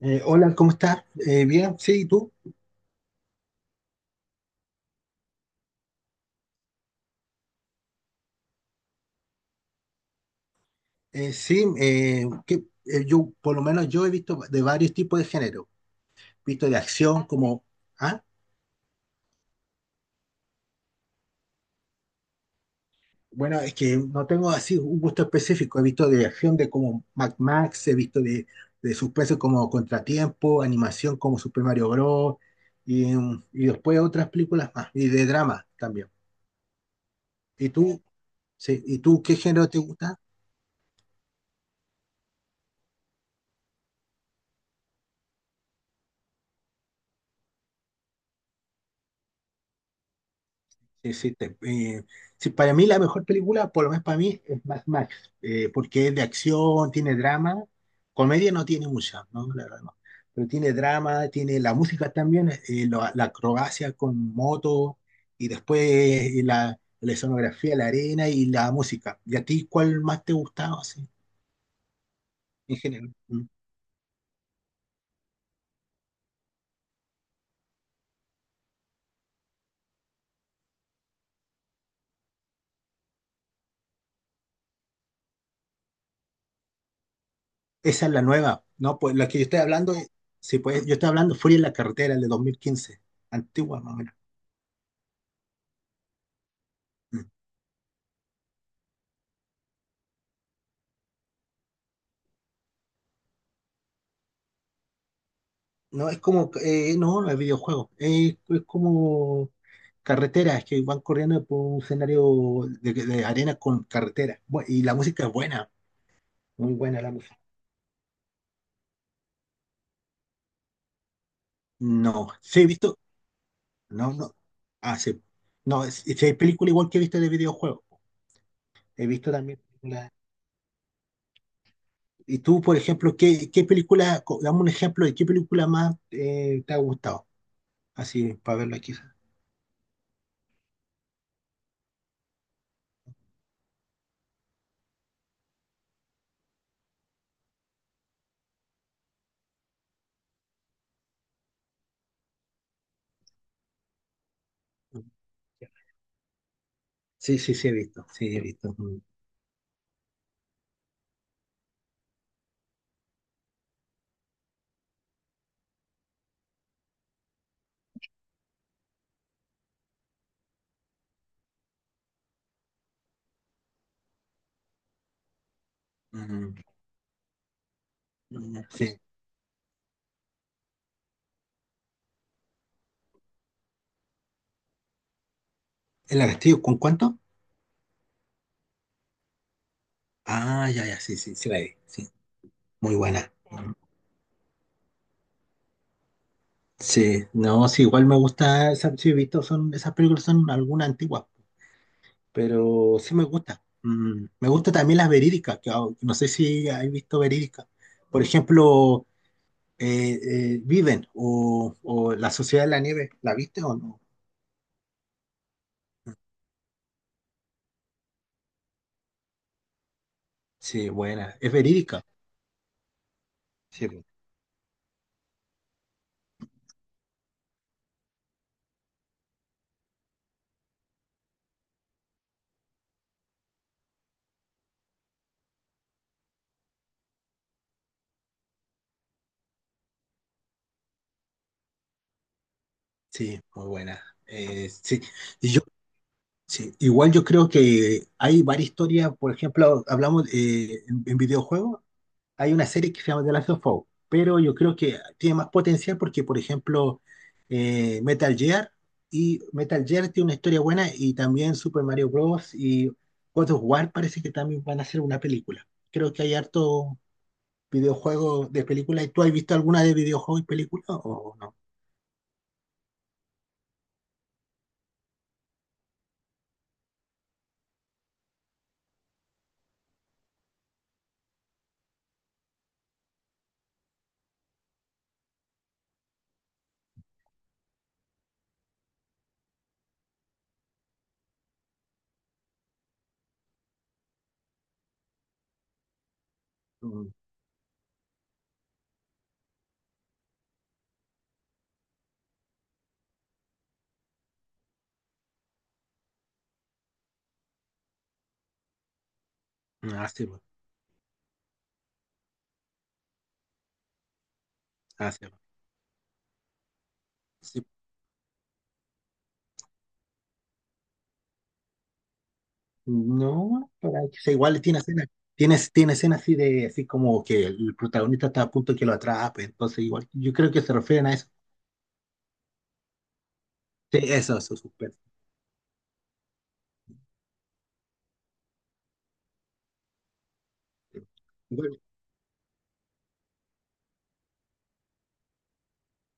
Hola, ¿cómo estás? Bien, sí, ¿y tú? Yo, por lo menos yo he visto de varios tipos de género. He visto de acción como... ¿Ah? Bueno, es que no tengo así un gusto específico. He visto de acción de como Mad Max, he visto de suspenso como Contratiempo, animación como Super Mario Bros. Y, y después otras películas más. Y de drama también. ¿Y tú? Sí, ¿y tú qué género te gusta? Sí, sí, sí, para mí la mejor película, por lo menos para mí, es Mad Max, porque es de acción, tiene drama, comedia no tiene mucha, ¿no? La verdad no. Pero tiene drama, tiene la música también, la acrobacia con moto, y después la escenografía, la arena y la música. ¿Y a ti cuál más te gustaba, así, en general? Mm. Esa es la nueva, ¿no? Pues la que yo estoy hablando, sí, pues yo estoy hablando Furia en la carretera, el de 2015, antigua más o menos. Mm. No, es como, no es videojuego, es como carreteras que van corriendo por un escenario de arena con carretera. Y la música es buena, muy buena la música. No, sí he visto, no, no, ah, sí. No, hay películas igual que he visto de videojuegos, he visto también películas. Y tú, por ejemplo, ¿qué, dame un ejemplo de qué película más te ha gustado? Así, para verlo aquí. Sí, sí, sí he visto, sí he visto. Mm, mm, mm, sí. ¿El Castillo con cuánto? Ah, ya, ya, sí, sí, sí la vi, sí, muy buena. Sí, no, sí, igual me gusta, sí, he visto, son, esas películas son algunas antiguas, pero sí me gusta. Mm, me gusta también las verídicas, que ah, no sé si has visto verídicas. Por ejemplo, Viven o La Sociedad de la Nieve, ¿la viste o no? Sí, buena, es verídica. Sí, sí, muy buena. Eh, sí, y yo, sí, igual yo creo que hay varias historias, por ejemplo, hablamos en videojuegos. Hay una serie que se llama The Last of Us, pero yo creo que tiene más potencial porque, por ejemplo, eh, Metal Gear Metal Gear tiene una historia buena y también Super Mario Bros. Y God of War parece que también van a hacer una película. Creo que hay harto videojuego de película. ¿Tú has visto alguna de videojuego y película o no? Mm, ah, sí, pues, ah, sí, pues. Sí. No, sea, igual tiene escenas, tiene escenas así de así como que el protagonista está a punto de que lo atrape, entonces igual yo creo que se refieren a eso. Sí, eso, súper. Bueno,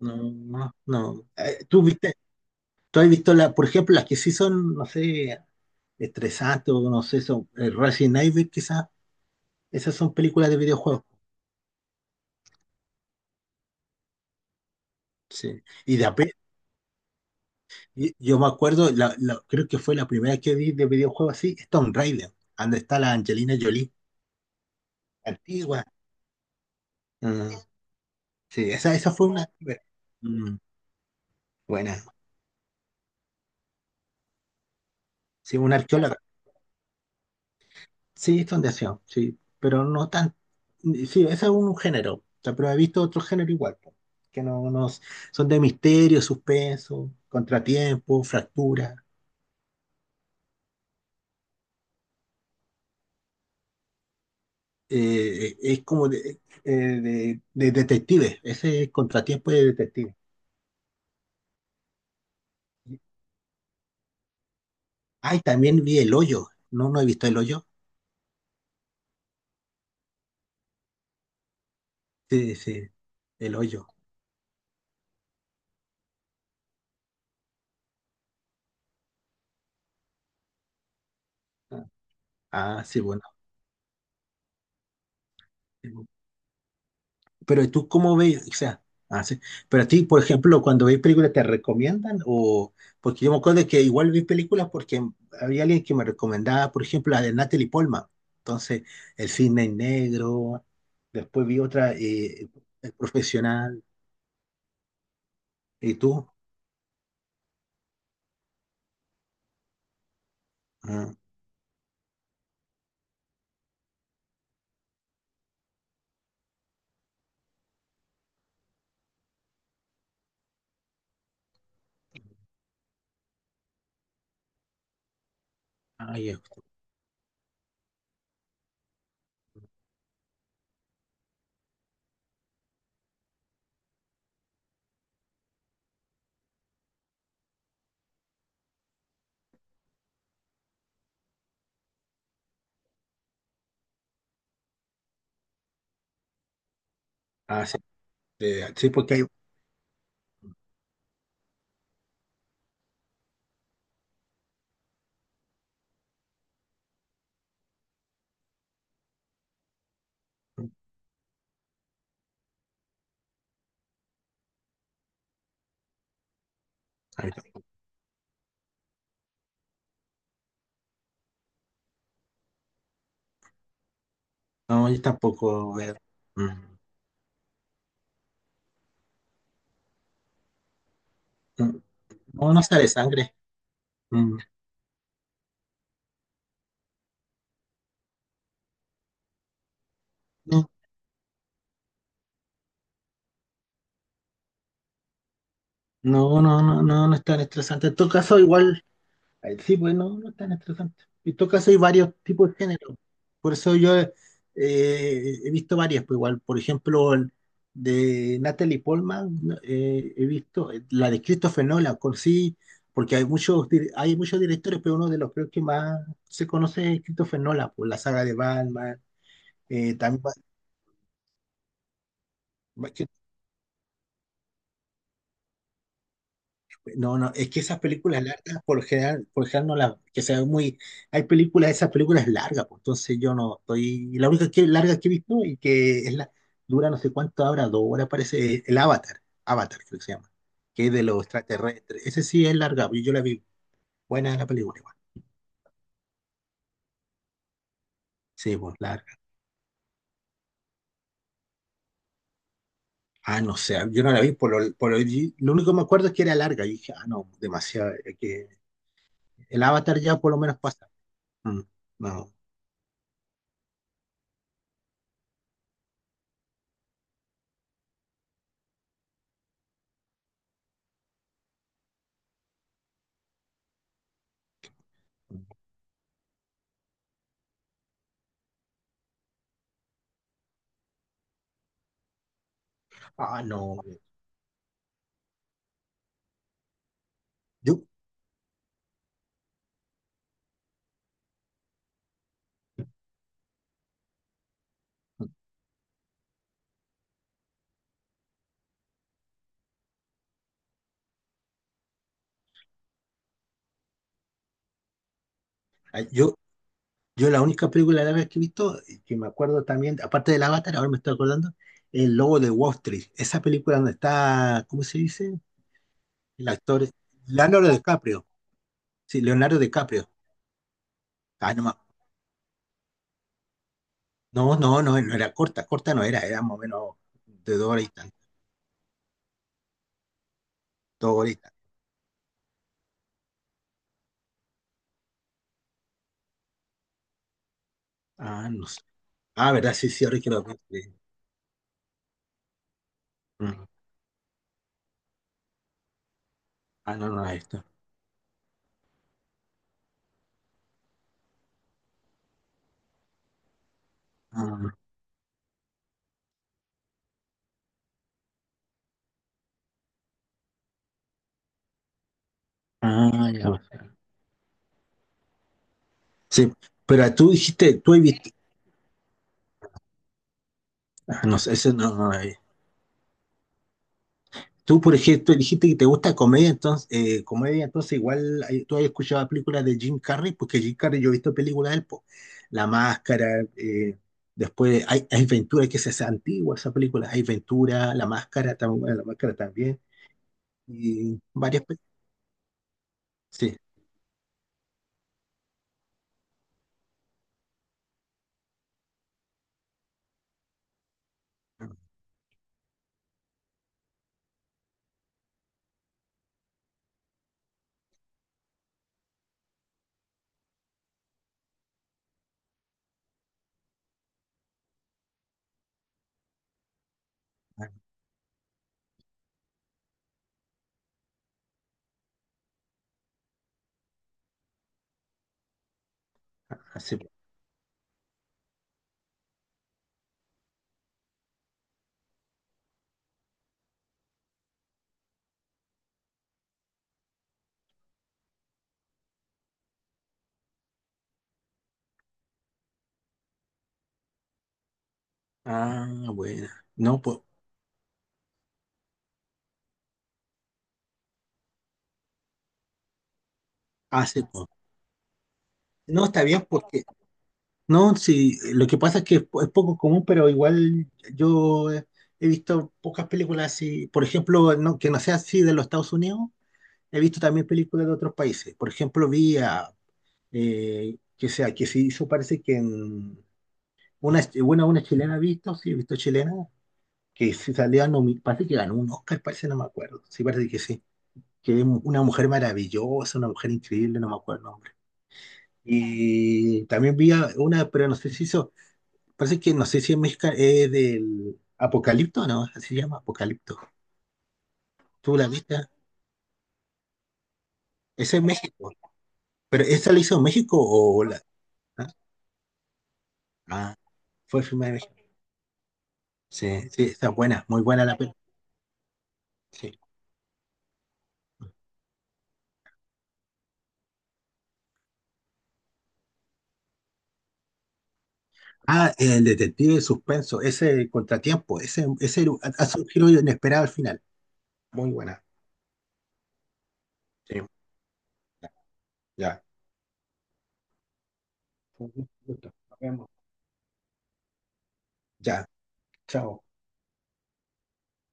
no, no, no. ¿Tú viste, tú has visto la, por ejemplo, las que sí son, no sé, estresantes o no sé, son Resident Evil, quizás, esas son películas de videojuegos. Sí. Yo me acuerdo, creo que fue la primera que vi de videojuego así, es Tomb Raider, donde está la Angelina Jolie, antigua. Mm, sí, esa fue una. Mm, buena. Sí, una arqueóloga. Sí, son de acción, sí, pero no tan... Sí, ese es un género, o sea, pero he visto otro género igual, po, que son de misterio, suspenso, contratiempo, fractura. Es como de detective, ese es contratiempo de detective. Ay, también vi El Hoyo, ¿no? ¿No he visto El Hoyo? Sí, sí, El Hoyo. Ah, ah, sí, bueno. Sí. Pero tú cómo ves, o sea, ah, sí. Pero a ti, por ejemplo, cuando ves películas, ¿te recomiendan? O, porque yo me acuerdo que igual vi películas porque había alguien que me recomendaba, por ejemplo, la de Natalie Polman. Entonces, El Cisne Negro, después vi otra, El Profesional, ¿y tú? Ah, ah, ya. Ah, sí, sí, porque hay... Ahí está. No, yo tampoco veo. Mm, mm. No, no sale sangre. Mm, no, no, no, no, no, no es tan estresante. En todo caso, igual... Ahí sí, pues no, no es tan estresante. En todo caso hay varios tipos de género. Por eso yo he visto varias, pues igual, por ejemplo, el de Natalie Portman, ¿no? He visto la de Christopher Nolan, con sí, porque hay muchos, hay muchos directores, pero uno de los creo que más se conoce es Christopher Nolan, por la saga de Batman, eh, también va- No, no, es que esas películas largas, por lo general no las, que se ven muy, hay películas, esas películas largas, pues, entonces yo no estoy, la única que, larga que he visto y que es la, dura no sé cuánto ahora, dos horas parece, es el Avatar, Avatar creo que se llama, que es de los extraterrestres, ese sí es larga, pues, yo la vi, buena la película igual, sí, pues larga, ah, no sé, yo no la vi, lo único que me acuerdo es que era larga, y dije, ah, no, demasiado, es que el Avatar ya por lo menos pasa, mm, no, mm. Ah, no, yo... Yo, Yo la única película árabe que he visto, que me acuerdo también, aparte del Avatar, ahora me estoy acordando, El Lobo de Wall Street. Esa película donde está, ¿cómo se dice? El actor, Leonardo DiCaprio. Sí, Leonardo DiCaprio. Ah, no, ma- no, no, no, no era corta, corta no era, era más o menos de dos horas y tanto, dos horas y tanto. Ah, no sé. Ah, verdad, sí, sí, ahora que lo pienso, sí. Mm. Ah, no, no, no, esto. Ah, ah, ya. Sí, pero tú dijiste, tú has visto, ah, no sé, ese no, no, no, tú, por ejemplo, dijiste que te gusta comedia, entonces, igual tú has escuchado películas de Jim Carrey, porque Jim Carrey yo he visto películas de él, po. La Máscara, después hay, hay Ventura, que esa es antigua, esa película, hay Ventura, La Máscara, bueno, La Máscara también, y varias películas. Sí, ah, hace, ah, buena, no, pues, hace, po. No, está bien, porque no, sí, lo que pasa es que es, es poco común, pero igual yo he, he visto pocas películas así, por ejemplo, no, que no sea así de los Estados Unidos, he visto también películas de otros países. Por ejemplo, vi a, que sea, que se hizo, parece que en una, bueno, una chilena he visto, sí, he visto chilena, que se salía, parece que ganó un Oscar, parece, no me acuerdo, sí, parece que sí, que es una mujer maravillosa, una mujer increíble, no me acuerdo el nombre. Y también vi a una, pero no sé si hizo. Parece que no sé si es mexicana, es del Apocalipto, ¿no? Así se llama Apocalipto. ¿Tú la ah, viste? Esa es México. ¿Pero esa la hizo México o la...? Ah, ah, fue filmada en México. Sí, sí, está buena, muy buena la película. Sí. Ah, el detective de suspenso, ese contratiempo, ese hace un giro inesperado al final. Muy buena. Sí, ya. Ya. Nos vemos. Ya, chao.